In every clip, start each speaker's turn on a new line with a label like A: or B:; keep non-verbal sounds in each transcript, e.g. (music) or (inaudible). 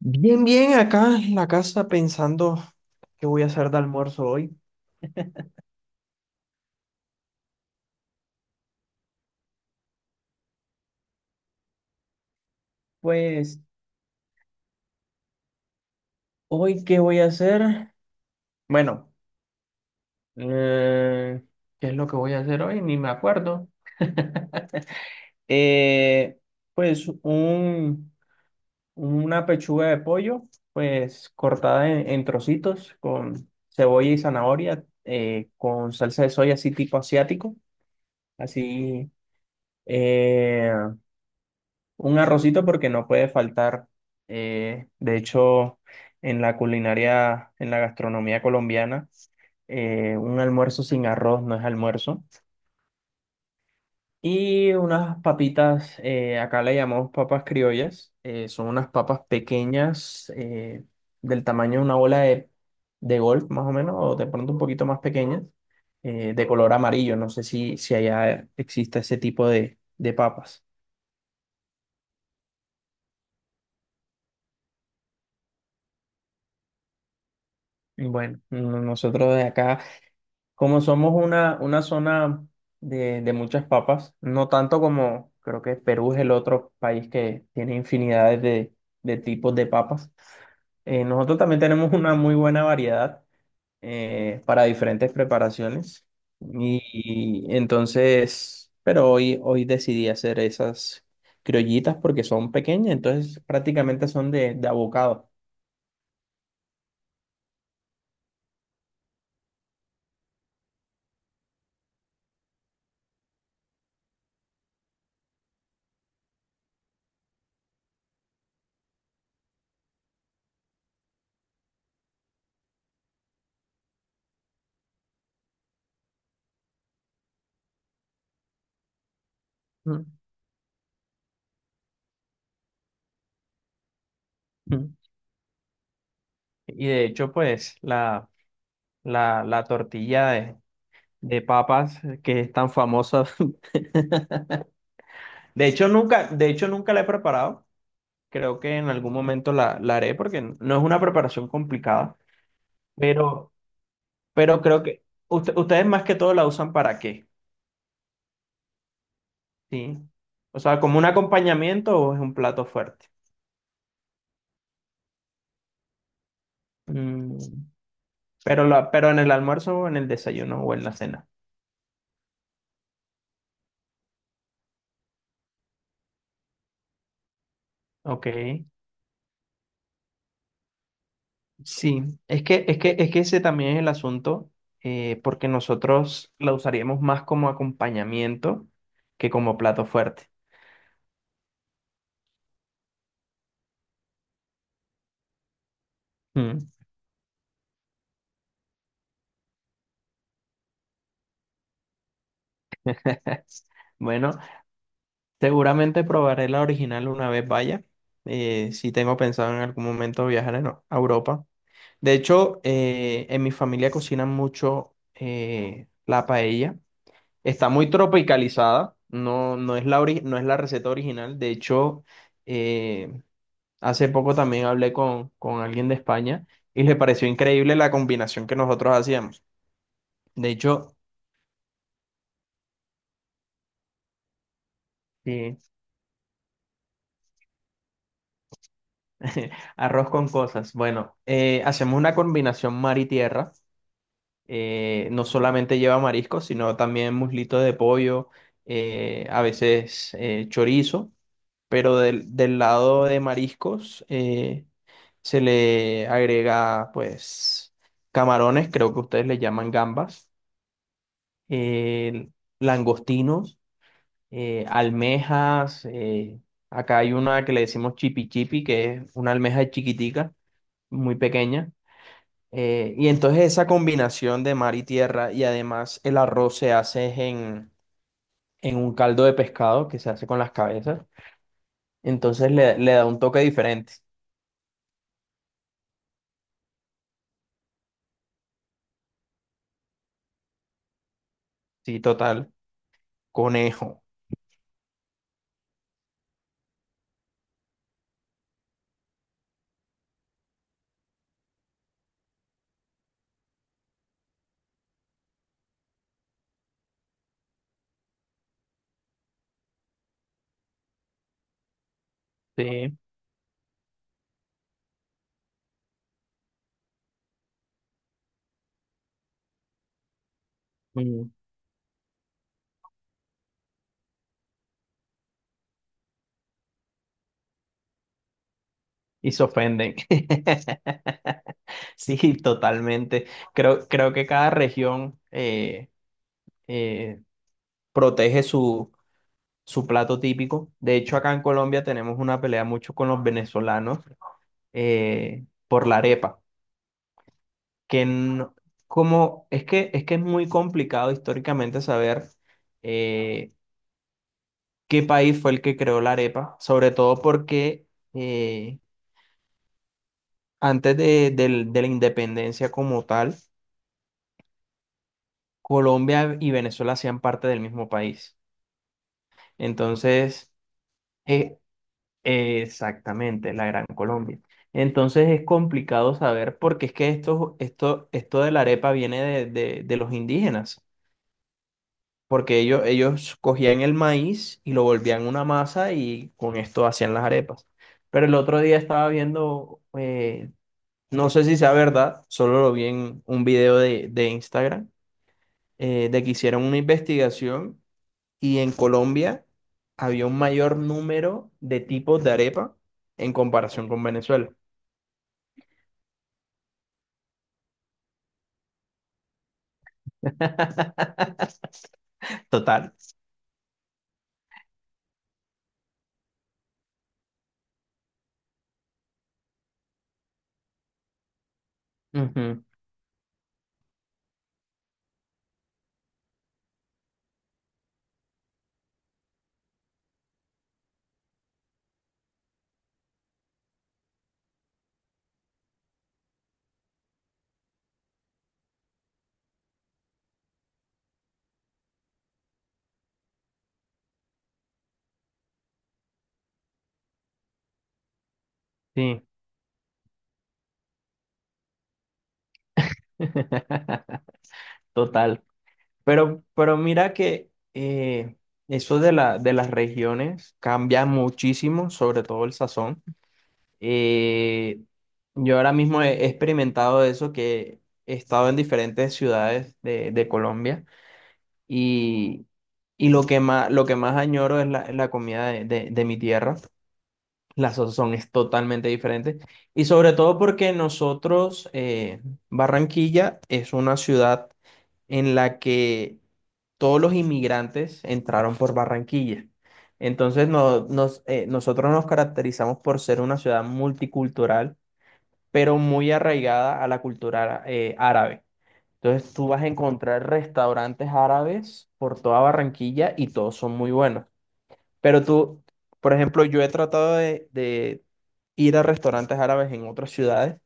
A: Bien, bien, acá en la casa pensando qué voy a hacer de almuerzo hoy. Pues, ¿hoy qué voy a hacer? Bueno, eh, ¿qué es lo que voy a hacer hoy? Ni me acuerdo. (laughs) Eh, pues una pechuga de pollo, pues cortada en trocitos con cebolla y zanahoria, con salsa de soya así tipo asiático, así. eh, Un arrocito porque no puede faltar. De hecho, en la culinaria, en la gastronomía colombiana, un almuerzo sin arroz no es almuerzo. Y unas papitas, acá le llamamos papas criollas. Son unas papas pequeñas, del tamaño de una bola de golf, más o menos, o de pronto un poquito más pequeñas, de color amarillo. No sé si allá existe ese tipo de papas. Bueno, nosotros de acá. Como somos una zona de muchas papas, no tanto como creo que Perú es el otro país que tiene infinidades de tipos de papas, nosotros también tenemos una muy buena variedad para diferentes preparaciones. Y, y entonces, pero hoy decidí hacer esas criollitas porque son pequeñas, entonces prácticamente son de abocado. Mm. Mm. Y de hecho, pues la tortilla de papas que es tan famosa. (laughs) De hecho, nunca la he preparado. Creo que en algún momento la haré porque no es una preparación complicada, pero, pero creo que ustedes más que todo la usan para qué, ¿sí? O sea, ¿como un acompañamiento o es un plato fuerte? Mm, ¿Pero en el almuerzo o en el desayuno o en la cena? Ok. Sí, es que ese también es el asunto, porque nosotros la usaríamos más como acompañamiento que como plato fuerte. Mm. (laughs) Bueno, seguramente probaré la original una vez vaya. Si tengo pensado en algún momento viajar a Europa. De hecho, en mi familia cocinan mucho la paella. Está muy tropicalizada. No, no es la ori- no es la receta original. De hecho, eh, hace poco también hablé con alguien de España y le pareció increíble la combinación que nosotros hacíamos. De hecho, sí, (laughs) arroz con cosas. Bueno, hacemos una combinación mar y tierra. No solamente lleva mariscos, sino también muslitos de pollo, a veces chorizo, pero del lado de mariscos se le agrega pues camarones, creo que ustedes le llaman gambas, eh, langostinos, almejas. Acá hay una que le decimos chipi chipi, que es una almeja chiquitica, muy pequeña. Y entonces esa combinación de mar y tierra y además el arroz se hace es en un caldo de pescado que se hace con las cabezas. Entonces le da un toque diferente. Sí, total. Conejo. Sí. mm, Y se ofenden. (laughs) Sí, totalmente. Creo que cada región eh, protege su plato típico. De hecho, acá en Colombia tenemos una pelea mucho con los venezolanos por la arepa, que no- como es que es muy complicado históricamente saber eh, qué país fue el que creó la arepa, sobre todo porque eh, antes de la independencia como tal, Colombia y Venezuela hacían parte del mismo país. Entonces, eh, exactamente, la Gran Colombia. Entonces es complicado saber porque es que esto de la arepa viene de los indígenas, porque ellos cogían el maíz y lo volvían una masa y con esto hacían las arepas. Pero el otro día estaba viendo, no sé si sea verdad, solo lo vi en un video de Instagram, de que hicieron una investigación y en Colombia había un mayor número de tipos de arepa en comparación con Venezuela. (laughs) Total. Ujú. Sí. (laughs) Total. Pero mira que eso de las regiones cambia muchísimo, sobre todo el sazón. Eh, yo ahora mismo he experimentado eso, que he estado en diferentes ciudades de Colombia y, y lo que más añoro es es la comida de mi tierra. Las la son es totalmente diferente. Y sobre todo porque Barranquilla es una ciudad en la que todos los inmigrantes entraron por Barranquilla. Entonces nosotros nos caracterizamos por ser una ciudad multicultural, pero muy arraigada a la cultura árabe. Entonces tú vas a encontrar restaurantes árabes por toda Barranquilla y todos son muy buenos. Pero tú, por ejemplo, yo he tratado de ir a restaurantes árabes en otras ciudades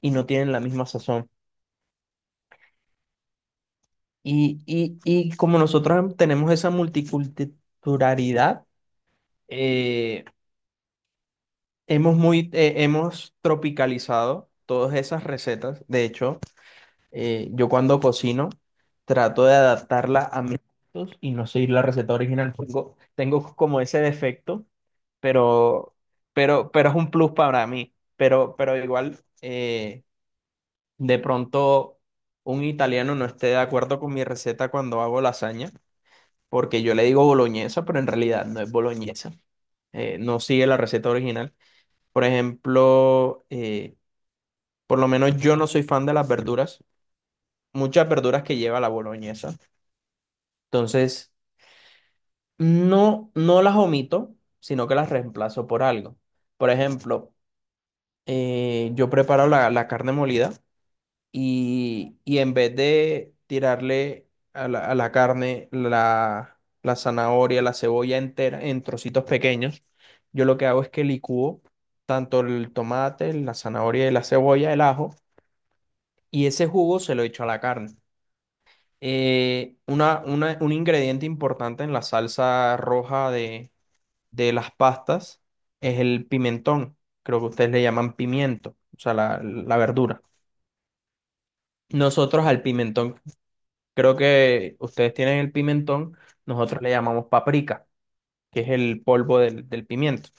A: y no tienen la misma sazón. Y como nosotros tenemos esa multiculturalidad, eh, hemos tropicalizado todas esas recetas. De hecho, yo cuando cocino trato de adaptarla a mis gustos y no seguir la receta original. Tengo como ese defecto, pero, pero es un plus para mí. Pero igual, de pronto un italiano no esté de acuerdo con mi receta cuando hago lasaña, porque yo le digo boloñesa, pero en realidad no es boloñesa. No sigue la receta original. Por ejemplo, por lo menos yo no soy fan de las verduras muchas verduras que lleva la boloñesa. Entonces, no, no las omito, sino que las reemplazo por algo. Por ejemplo, yo preparo la carne molida y en vez de tirarle a la carne la zanahoria, la cebolla entera en trocitos pequeños, yo lo que hago es que licúo tanto el tomate, la zanahoria y la cebolla, el ajo, y ese jugo se lo echo a la carne. Una, un ingrediente importante en la salsa roja de las pastas es el pimentón. Creo que ustedes le llaman pimiento, o sea, la verdura. Nosotros al pimentón, creo que ustedes tienen el pimentón, nosotros le llamamos paprika, que es el polvo del pimiento.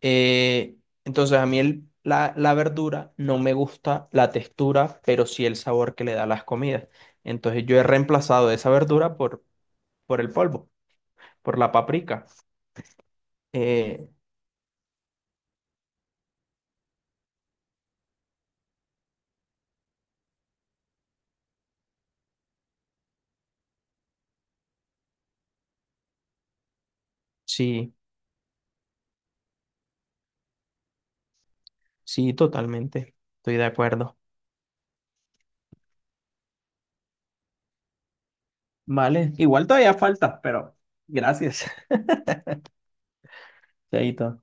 A: Eh, entonces a mí la verdura no me gusta la textura, pero sí el sabor que le da a las comidas. Entonces yo he reemplazado esa verdura por el polvo, por la paprika. Eh, sí, sí, totalmente, estoy de acuerdo. Vale, igual todavía falta, pero gracias. (laughs) Chaito.